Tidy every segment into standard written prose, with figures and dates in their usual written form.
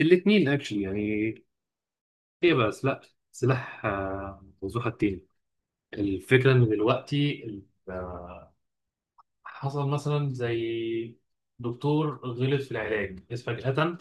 الاثنين اكشلي، يعني ايه بقى؟ سلاح، سلاح ذو حدين. الفكره ان دلوقتي آه، حصل مثلا زي دكتور غلط في العلاج بس فجاه.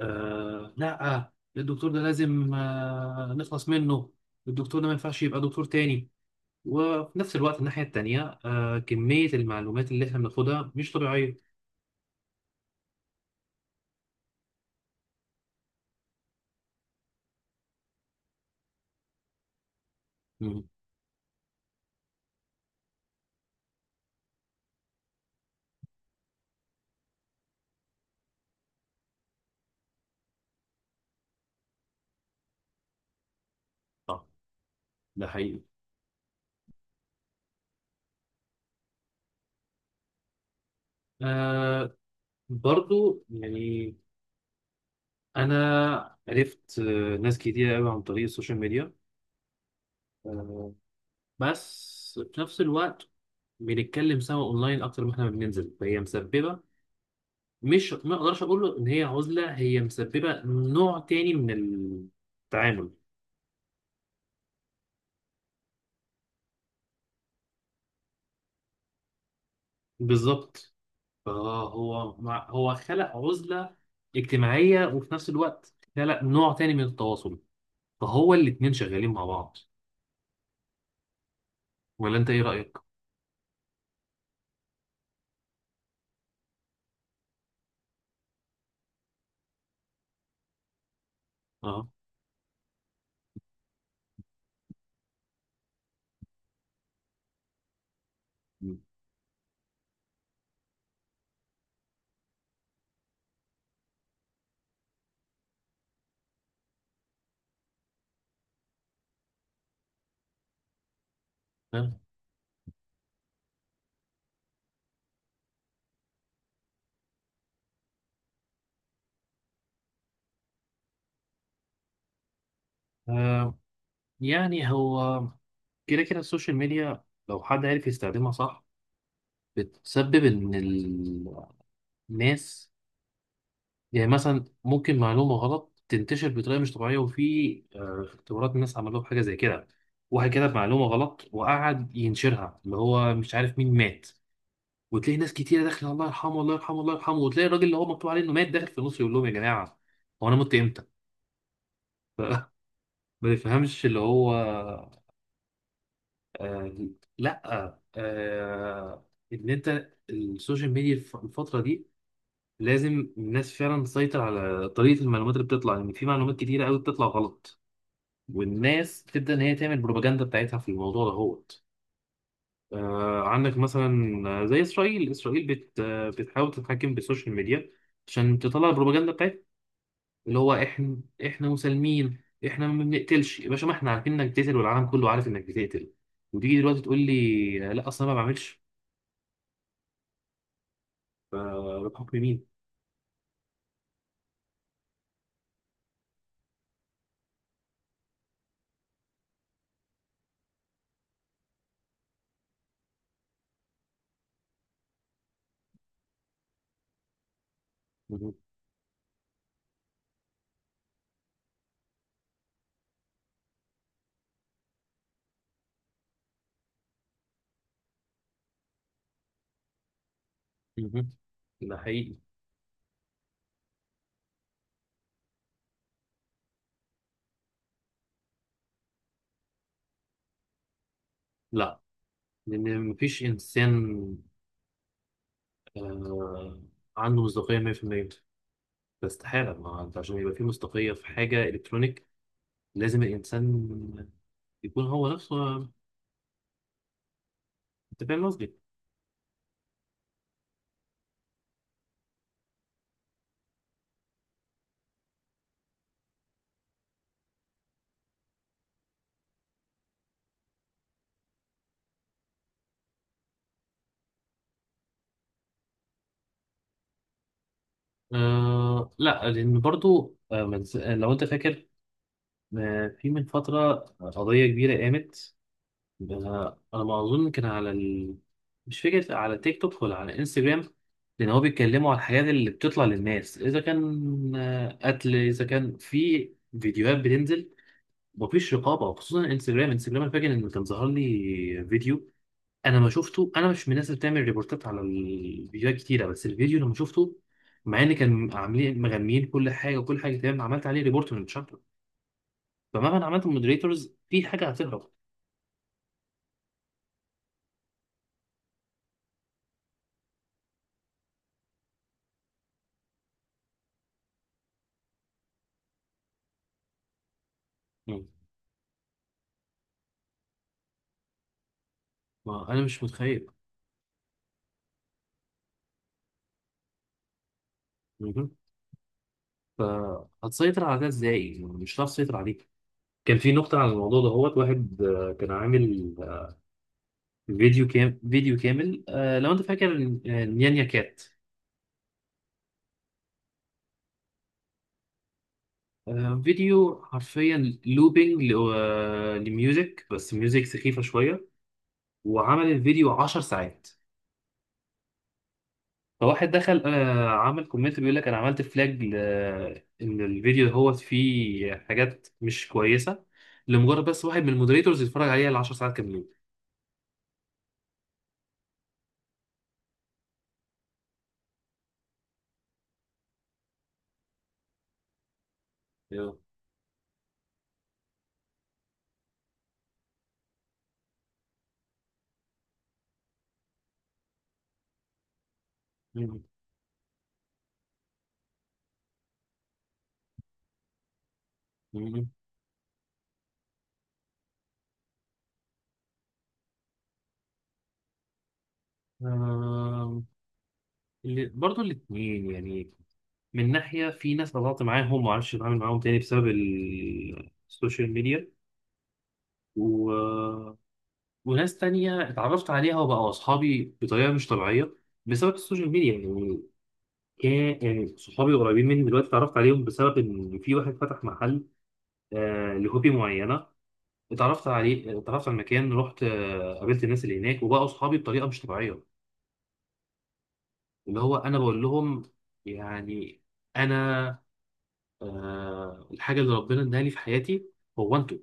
آه لا، الدكتور ده لازم نخلص منه، الدكتور ده ما ينفعش يبقى دكتور تاني. وفي نفس الوقت الناحيه التانيه كميه المعلومات اللي احنا بناخدها مش طبيعيه. مم. آه، ده حقيقي. آه برضو يعني انا عرفت ناس كتير قوي عن طريق السوشيال ميديا، آه، بس في نفس الوقت بنتكلم سوا اونلاين اكتر ما احنا ما بننزل، فهي مسببه، مش ما اقدرش اقول له ان هي عزله، هي مسببه نوع تاني من التعامل. بالظبط، هو خلق عزله اجتماعيه وفي نفس الوقت خلق نوع تاني من التواصل، فهو الاتنين شغالين مع بعض. ولا انت ايه رايك؟ اه آه. يعني هو كده كده السوشيال ميديا، لو حد عارف يستخدمها صح، بتسبب ان الناس، يعني مثلا ممكن معلومة غلط تنتشر بطريقة مش طبيعية. وفي اختبارات الناس عملوها بحاجة زي كده، واحد كتب معلومة غلط وقعد ينشرها اللي هو مش عارف مين مات، وتلاقي ناس كتيرة داخلة الله يرحمه الله يرحمه الله يرحمه، وتلاقي الراجل اللي هو مكتوب عليه انه مات داخل في النص يقول لهم يا جماعة، هو انا مت امتى؟ ما تفهمش اللي هو، آه لا آه ان انت السوشيال ميديا الفتره دي لازم الناس فعلا تسيطر على طريقه المعلومات اللي بتطلع، لان في معلومات كتيره قوي بتطلع غلط والناس تبدا ان هي تعمل بروباجندا بتاعتها في الموضوع ده هوت. عندك مثلا، زي اسرائيل، اسرائيل بت آه، بتحاول تتحكم بالسوشيال ميديا عشان تطلع البروباجندا بتاعتها، اللي هو احنا، احنا مسالمين، احنا ما بنقتلش يا باشا. ما احنا عارفين انك بتقتل والعالم كله عارف انك بتقتل، وتيجي دلوقتي تقول لي لا اصلا ما بعملش. فبتحكم مين؟ مهم. مهم. ده حقيقي. لا، لأن مفيش إنسان آه، عنده مصداقية 100%. ده استحالة، ما أنت عشان يبقى في مصداقية في حاجة إلكترونيك لازم الإنسان يكون هو نفسه. أنت فاهم قصدي؟ آه لا لأن برضو آه من... لو أنت فاكر، في من فترة قضية كبيرة قامت، ده انا أنا ما اظن كان على ال... مش فكره، على تيك توك ولا على انستجرام، لان هو بيتكلموا على الحاجات اللي بتطلع للناس، اذا كان قتل، اذا كان في فيديوهات بتنزل مفيش رقابه، وخصوصا انستجرام. انا فاكر ان كان ظهر لي فيديو، انا ما شفته، انا مش من الناس اللي بتعمل ريبورتات على الفيديوهات كتيره، بس الفيديو لما شفته مع ان كان عاملين مغنيين كل حاجه وكل حاجه تمام، عملت عليه ريبورت من شهر. فمهما أنا عملت مودريتورز في حاجه هتهرب. مم. ما انا مش متخيل، فهتسيطر على ده ازاي؟ يعني مش هتعرف تسيطر عليه. كان في نقطة على الموضوع ده، هو واحد كان عامل فيديو كامل، لو انت فاكر، نيانيا كات، فيديو حرفيا لوبينج لميوزك، بس ميوزك سخيفة شوية، وعمل الفيديو 10 ساعات. فواحد دخل عمل كومنت بيقول لك انا عملت فلاج ل... ان الفيديو هو فيه حاجات مش كويسة، لمجرد بس واحد من المودريتورز يتفرج عليها ال 10 ساعات كاملين. آم، برضو الاتنين يعني، من ناحية في ناس قطعت معاهم ومعرفش أتعامل معاهم تاني بسبب السوشيال ميديا، و... وناس تانية اتعرفت عليها وبقوا أصحابي بطريقة مش طبيعية بسبب السوشيال ميديا يعني. كان يعني صحابي القريبين مني دلوقتي اتعرفت عليهم بسبب إن في واحد فتح محل لهوبي معينة، اتعرفت عليه، اتعرفت على المكان، رحت قابلت الناس اللي هناك وبقوا أصحابي بطريقة مش طبيعية. اللي هو أنا بقول لهم يعني، انا، الحاجه اللي ربنا اداها لي في حياتي هو انتوا،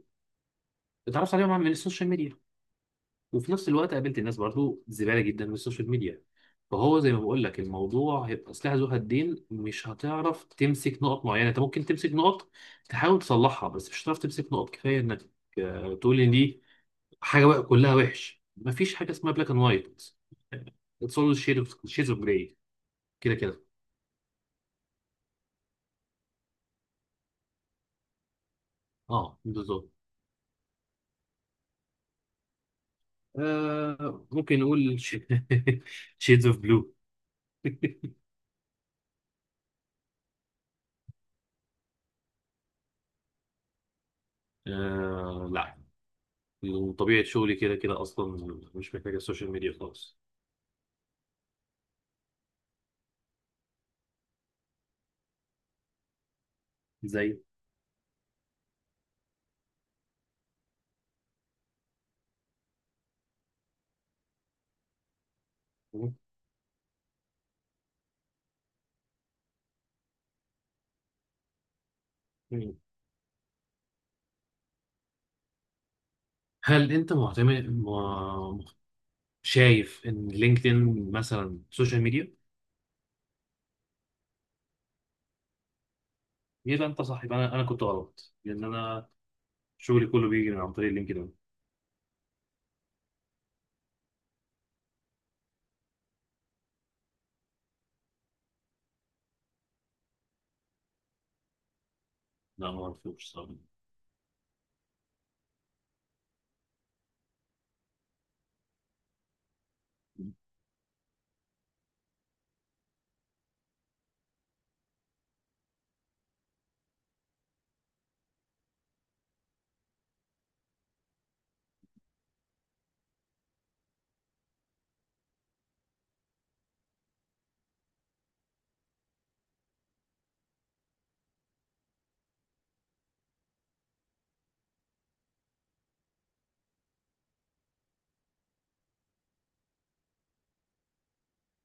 اتعرفت عليهم من السوشيال ميديا، وفي نفس الوقت قابلت الناس برضو زباله جدا من السوشيال ميديا. فهو زي ما بقول لك، الموضوع هيبقى سلاح ذو حدين، مش هتعرف تمسك نقط معينه، انت ممكن تمسك نقط تحاول تصلحها، بس مش هتعرف تمسك نقط كفايه انك تقول ان دي حاجه بقى كلها وحش. مفيش حاجه اسمها بلاك اند وايت، اتس اول شيدز اوف جراي، كده كده. اه بالظبط. آه ممكن نقول شيدز اوف بلو. آه لا، وطبيعة شغلي كده كده أصلا مش محتاج السوشيال ميديا خالص. زي مم. هل أنت معتمد شايف إن لينكدإن مثلا سوشيال ميديا؟ يبقى أنت صح، يبقى أنا كنت غلط، لأن أنا شغلي كله بيجي من عن طريق لينكدإن. لا ما أعرفوش صراحة.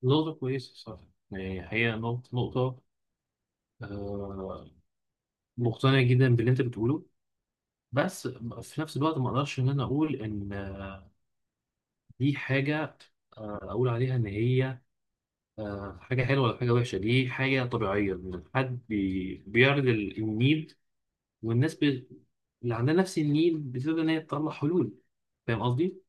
نقطة كويسة صح، يعني هي نقطة آه مقتنع جدا باللي أنت بتقوله، بس في نفس الوقت ما أقدرش إن أنا أقول إن دي حاجة، أقول عليها إن هي حاجة حلوة ولا حاجة وحشة. دي حاجة طبيعية إن حد بيعرض النيل، والناس بي... اللي عندها نفس النيل بتبدأ إن هي تطلع حلول. فاهم قصدي؟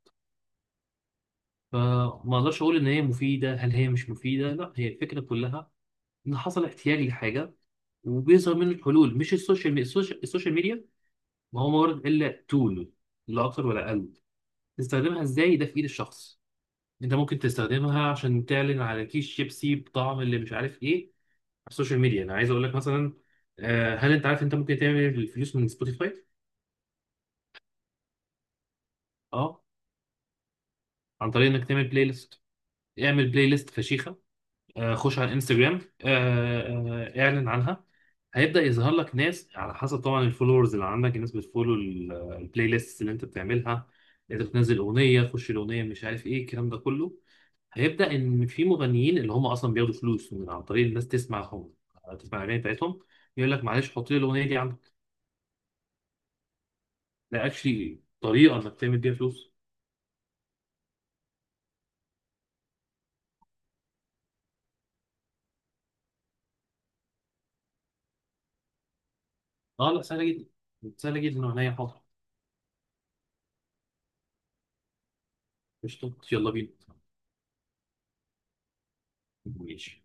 فما أقدرش أقول إن هي مفيدة هل هي مش مفيدة، لا هي الفكرة كلها إن حصل احتياج لحاجة وبيظهر منه الحلول، مش السوشيال ميديا. السوشيال ميديا ما هو مجرد إلا تول، لا أكتر ولا أقل، تستخدمها إزاي ده في إيد الشخص. أنت ممكن تستخدمها عشان تعلن على كيس شيبسي بطعم اللي مش عارف إيه. السوشيال ميديا انا عايز اقول لك مثلا، هل انت عارف انت ممكن تعمل الفلوس من سبوتيفاي؟ اه، عن طريق انك تعمل بلاي ليست، اعمل بلاي ليست فشيخه، خش على انستجرام، اعلن عنها. هيبدا يظهر لك ناس على حسب طبعا الفولورز اللي عندك، الناس بتفولو البلاي ليست اللي انت بتعملها. انت بتنزل اغنيه، خش الاغنيه مش عارف ايه الكلام ده كله، هيبدا ان في مغنيين اللي هم اصلا بياخدوا فلوس من عن طريق الناس تسمعهم، تسمع الاغاني بتاعتهم، يقول لك معلش حط لي الاغنيه دي. لا اكشلي طريقه انك تعمل بيها فلوس. اه لا سهله جدا، سهله جدا وعينيا حاضر. قشطه، يلا بينا. ماشي.